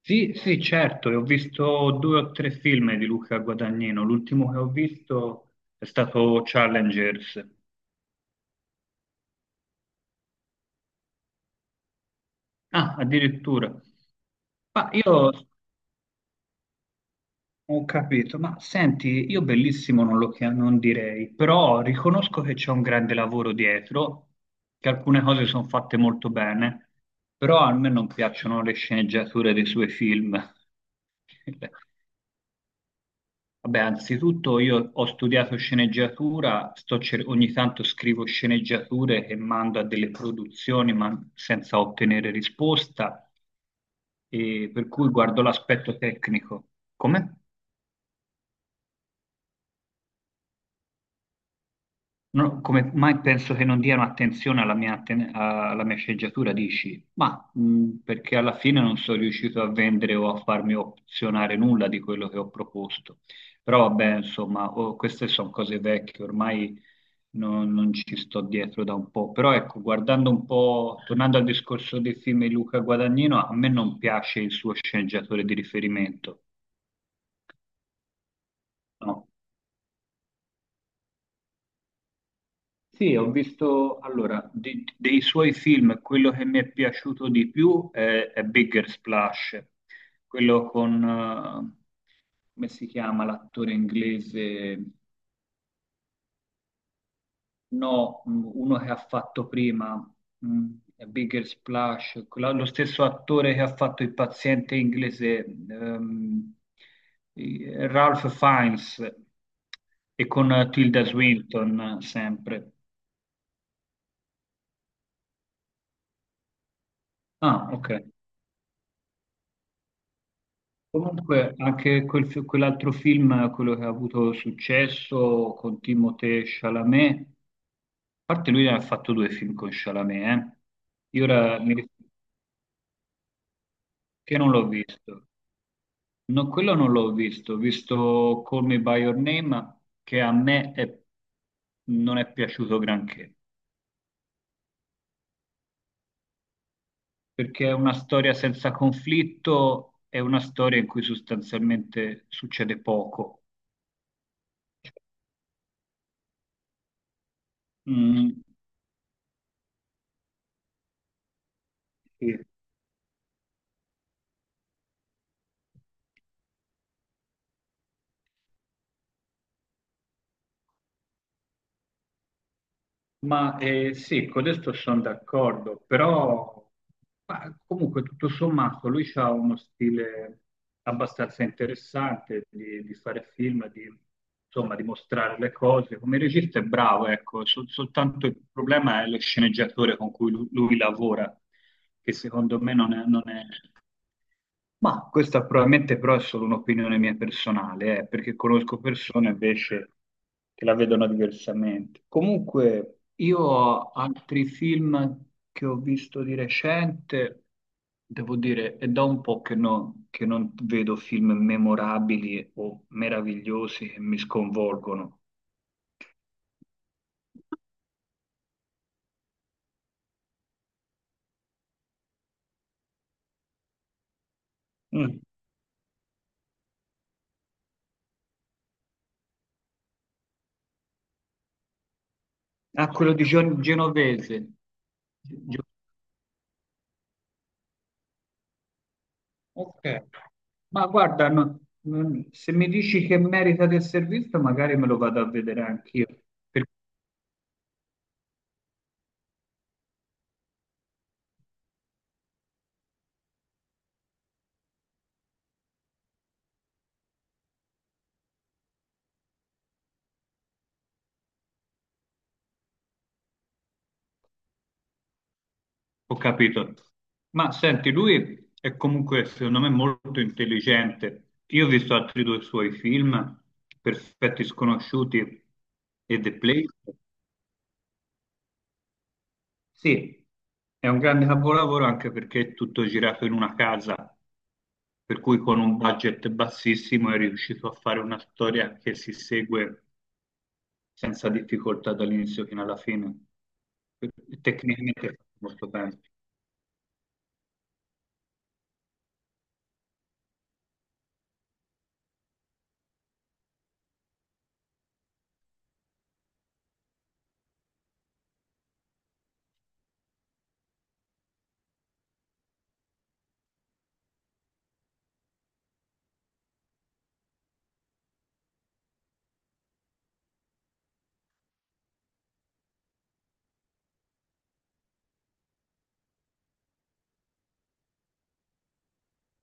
Sì, sì, certo, e ho visto due o tre film di Luca Guadagnino. L'ultimo che ho visto è stato Challengers. Ah, addirittura. Ma io ho capito, ma senti, io bellissimo non lo chia- non direi, però riconosco che c'è un grande lavoro dietro, che alcune cose sono fatte molto bene, però a me non piacciono le sceneggiature dei suoi film. Vabbè, anzitutto io ho studiato sceneggiatura, ogni tanto scrivo sceneggiature e mando a delle produzioni ma senza ottenere risposta, e per cui guardo l'aspetto tecnico. Come? No, come mai penso che non diano attenzione alla mia sceneggiatura, dici? Ma perché alla fine non sono riuscito a vendere o a farmi opzionare nulla di quello che ho proposto. Però vabbè, insomma, oh, queste sono cose vecchie, ormai non ci sto dietro da un po'. Però ecco, guardando un po', tornando al discorso dei film di Luca Guadagnino, a me non piace il suo sceneggiatore di riferimento, no? Sì, ho visto allora dei suoi film, quello che mi è piaciuto di più è Bigger Splash, quello con, come si chiama l'attore inglese? No, uno che ha fatto prima, mh, è Bigger Splash, lo stesso attore che ha fatto il paziente inglese, Ralph Fiennes, e con Tilda Swinton sempre. Ah, ok. Comunque, anche quell'altro film, quello che ha avuto successo con Timothée Chalamet, a parte lui ne ha fatto due film con Chalamet, eh. Io ora mi rif- Che non l'ho visto. No, quello non l'ho visto, ho visto Call Me By Your Name, che a me non è piaciuto granché, perché è una storia senza conflitto, è una storia in cui sostanzialmente succede poco. Mm, sì. Ma sì, con questo sono d'accordo, però ma comunque tutto sommato lui ha uno stile abbastanza interessante di fare film, di, insomma, di mostrare le cose. Come regista è bravo, ecco, soltanto il problema è lo sceneggiatore con cui lui, lavora, che secondo me non è ma questa probabilmente però è solo un'opinione mia personale, perché conosco persone invece che la vedono diversamente. Comunque, io ho altri film che ho visto di recente, devo dire, è da un po' che non vedo film memorabili o meravigliosi che mi sconvolgono. Mm. Ah, quello di Genovese. Ok. Ma guarda, no, se mi dici che merita del servizio, magari me lo vado a vedere anch'io, perché ho capito. Ma senti, lui è comunque, secondo me, molto intelligente. Io ho visto altri due suoi film, Perfetti Sconosciuti e The Place. Sì, è un grande capolavoro anche perché è tutto girato in una casa, per cui con un budget bassissimo è riuscito a fare una storia che si segue senza difficoltà dall'inizio fino alla fine. Tecnicamente è molto bene.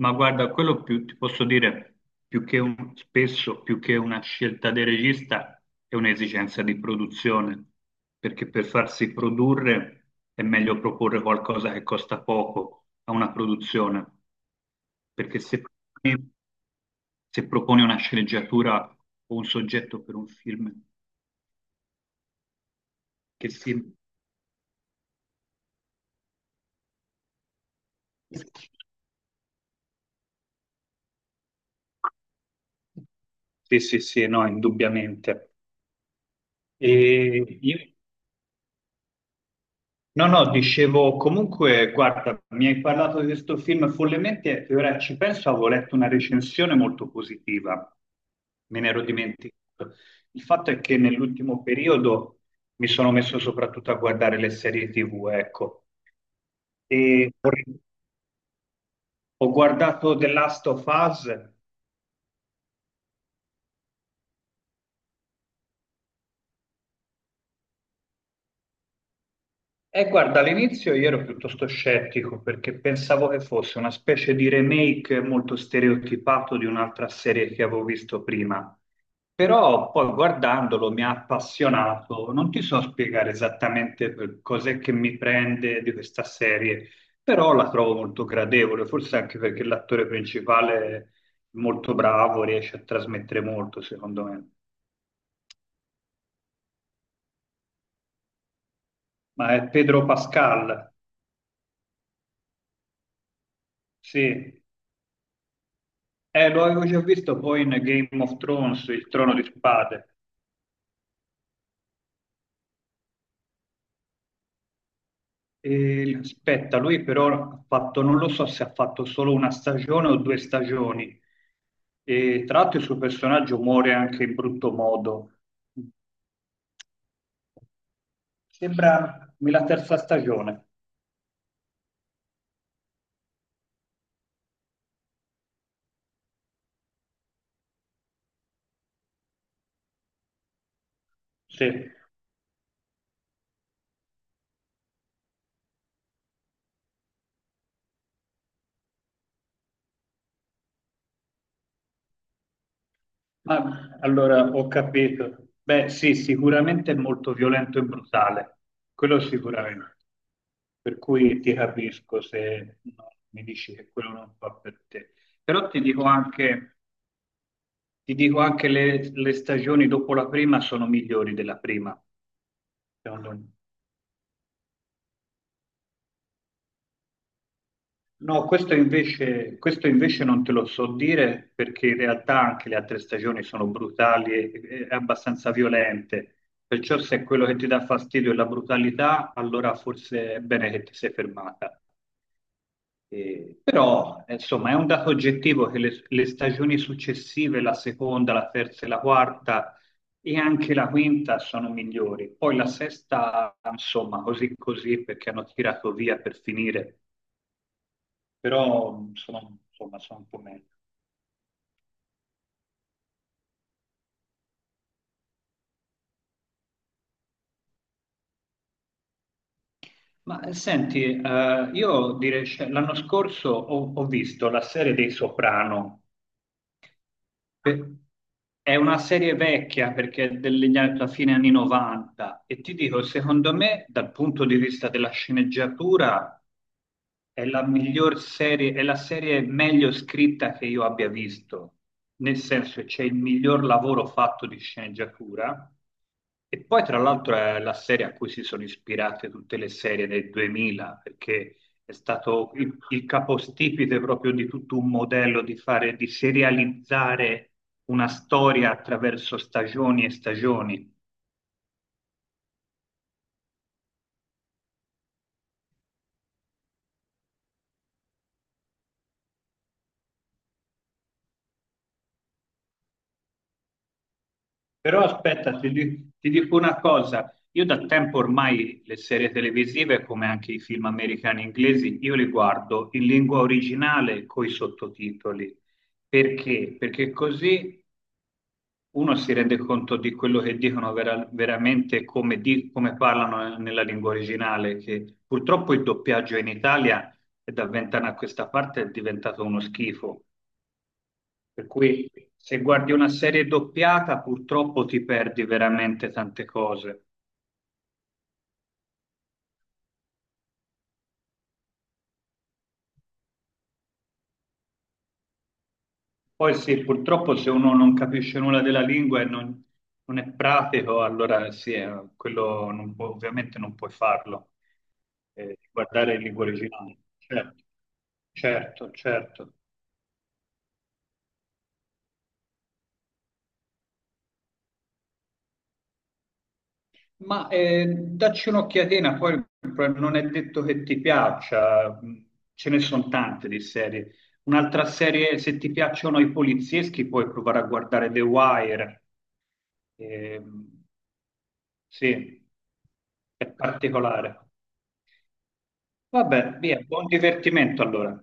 Ma guarda, quello più, ti posso dire, spesso, più che una scelta del regista, è un'esigenza di produzione, perché per farsi produrre è meglio proporre qualcosa che costa poco a una produzione, perché se proponi una sceneggiatura o un soggetto per un film che si... Sì, sì, sì, no, indubbiamente. E io- no, no, dicevo comunque, guarda, mi hai parlato di questo film follemente e ora ci penso, avevo letto una recensione molto positiva, me ne ero dimenticato. Il fatto è che nell'ultimo periodo mi sono messo soprattutto a guardare le serie TV, ecco, e ho guardato The Last of Us. Guarda, all'inizio io ero piuttosto scettico perché pensavo che fosse una specie di remake molto stereotipato di un'altra serie che avevo visto prima, però poi guardandolo mi ha appassionato. Non ti so spiegare esattamente cos'è che mi prende di questa serie, però la trovo molto gradevole, forse anche perché l'attore principale è molto bravo, riesce a trasmettere molto, secondo me. Ma è Pedro Pascal, sì. Lo avevo già visto poi in Game of Thrones, il trono di spade. E aspetta, lui però ha fatto, non lo so se ha fatto solo una stagione o due stagioni. E tra l'altro il suo personaggio muore anche in brutto modo. Sembra la terza stagione. Sì. Ah, allora, ho capito. Beh, sì, sicuramente è molto violento e brutale, quello sicuramente. Per cui ti capisco se no, mi dici che quello non fa per te. Però ti dico anche le stagioni dopo la prima sono migliori della prima, secondo me. No, questo invece non te lo so dire perché in realtà anche le altre stagioni sono brutali e abbastanza violente. Perciò se quello che ti dà fastidio è la brutalità, allora forse è bene che ti sei fermata. Però, insomma, è un dato oggettivo che le stagioni successive, la seconda, la terza e la quarta e anche la quinta sono migliori. Poi la sesta, insomma, così così perché hanno tirato via per finire però sono, insomma, sono un po' meglio. Ma senti, io direi, cioè, l'anno scorso ho visto la serie dei Soprano, Pe- è una serie vecchia perché è alla fine anni 90 e ti dico, secondo me, dal punto di vista della sceneggiatura, è la miglior serie, è la serie meglio scritta che io abbia visto, nel senso che c'è il miglior lavoro fatto di sceneggiatura e poi tra l'altro è la serie a cui si sono ispirate tutte le serie del 2000, perché è stato il capostipite proprio di tutto un modello di fare, di serializzare una storia attraverso stagioni e stagioni. Però aspetta, ti dico una cosa, io da tempo ormai le serie televisive, come anche i film americani e inglesi, io li guardo in lingua originale con i sottotitoli. Perché? Perché così uno si rende conto di quello che dicono veramente come, come parlano nella lingua originale, che purtroppo il doppiaggio in Italia è da 20 anni a questa parte è diventato uno schifo. Per cui se guardi una serie doppiata, purtroppo ti perdi veramente tante cose. Poi sì, purtroppo se uno non capisce nulla della lingua e non è pratico, allora sì, quello non può- ovviamente non puoi farlo, guardare in lingua originale. Certo, certo, certo. Ma dacci un'occhiatina, poi non è detto che ti piaccia, ce ne sono tante di serie. Un'altra serie, se ti piacciono i polizieschi, puoi provare a guardare The Wire. Ehm, sì, è particolare. Vabbè, via, buon divertimento allora.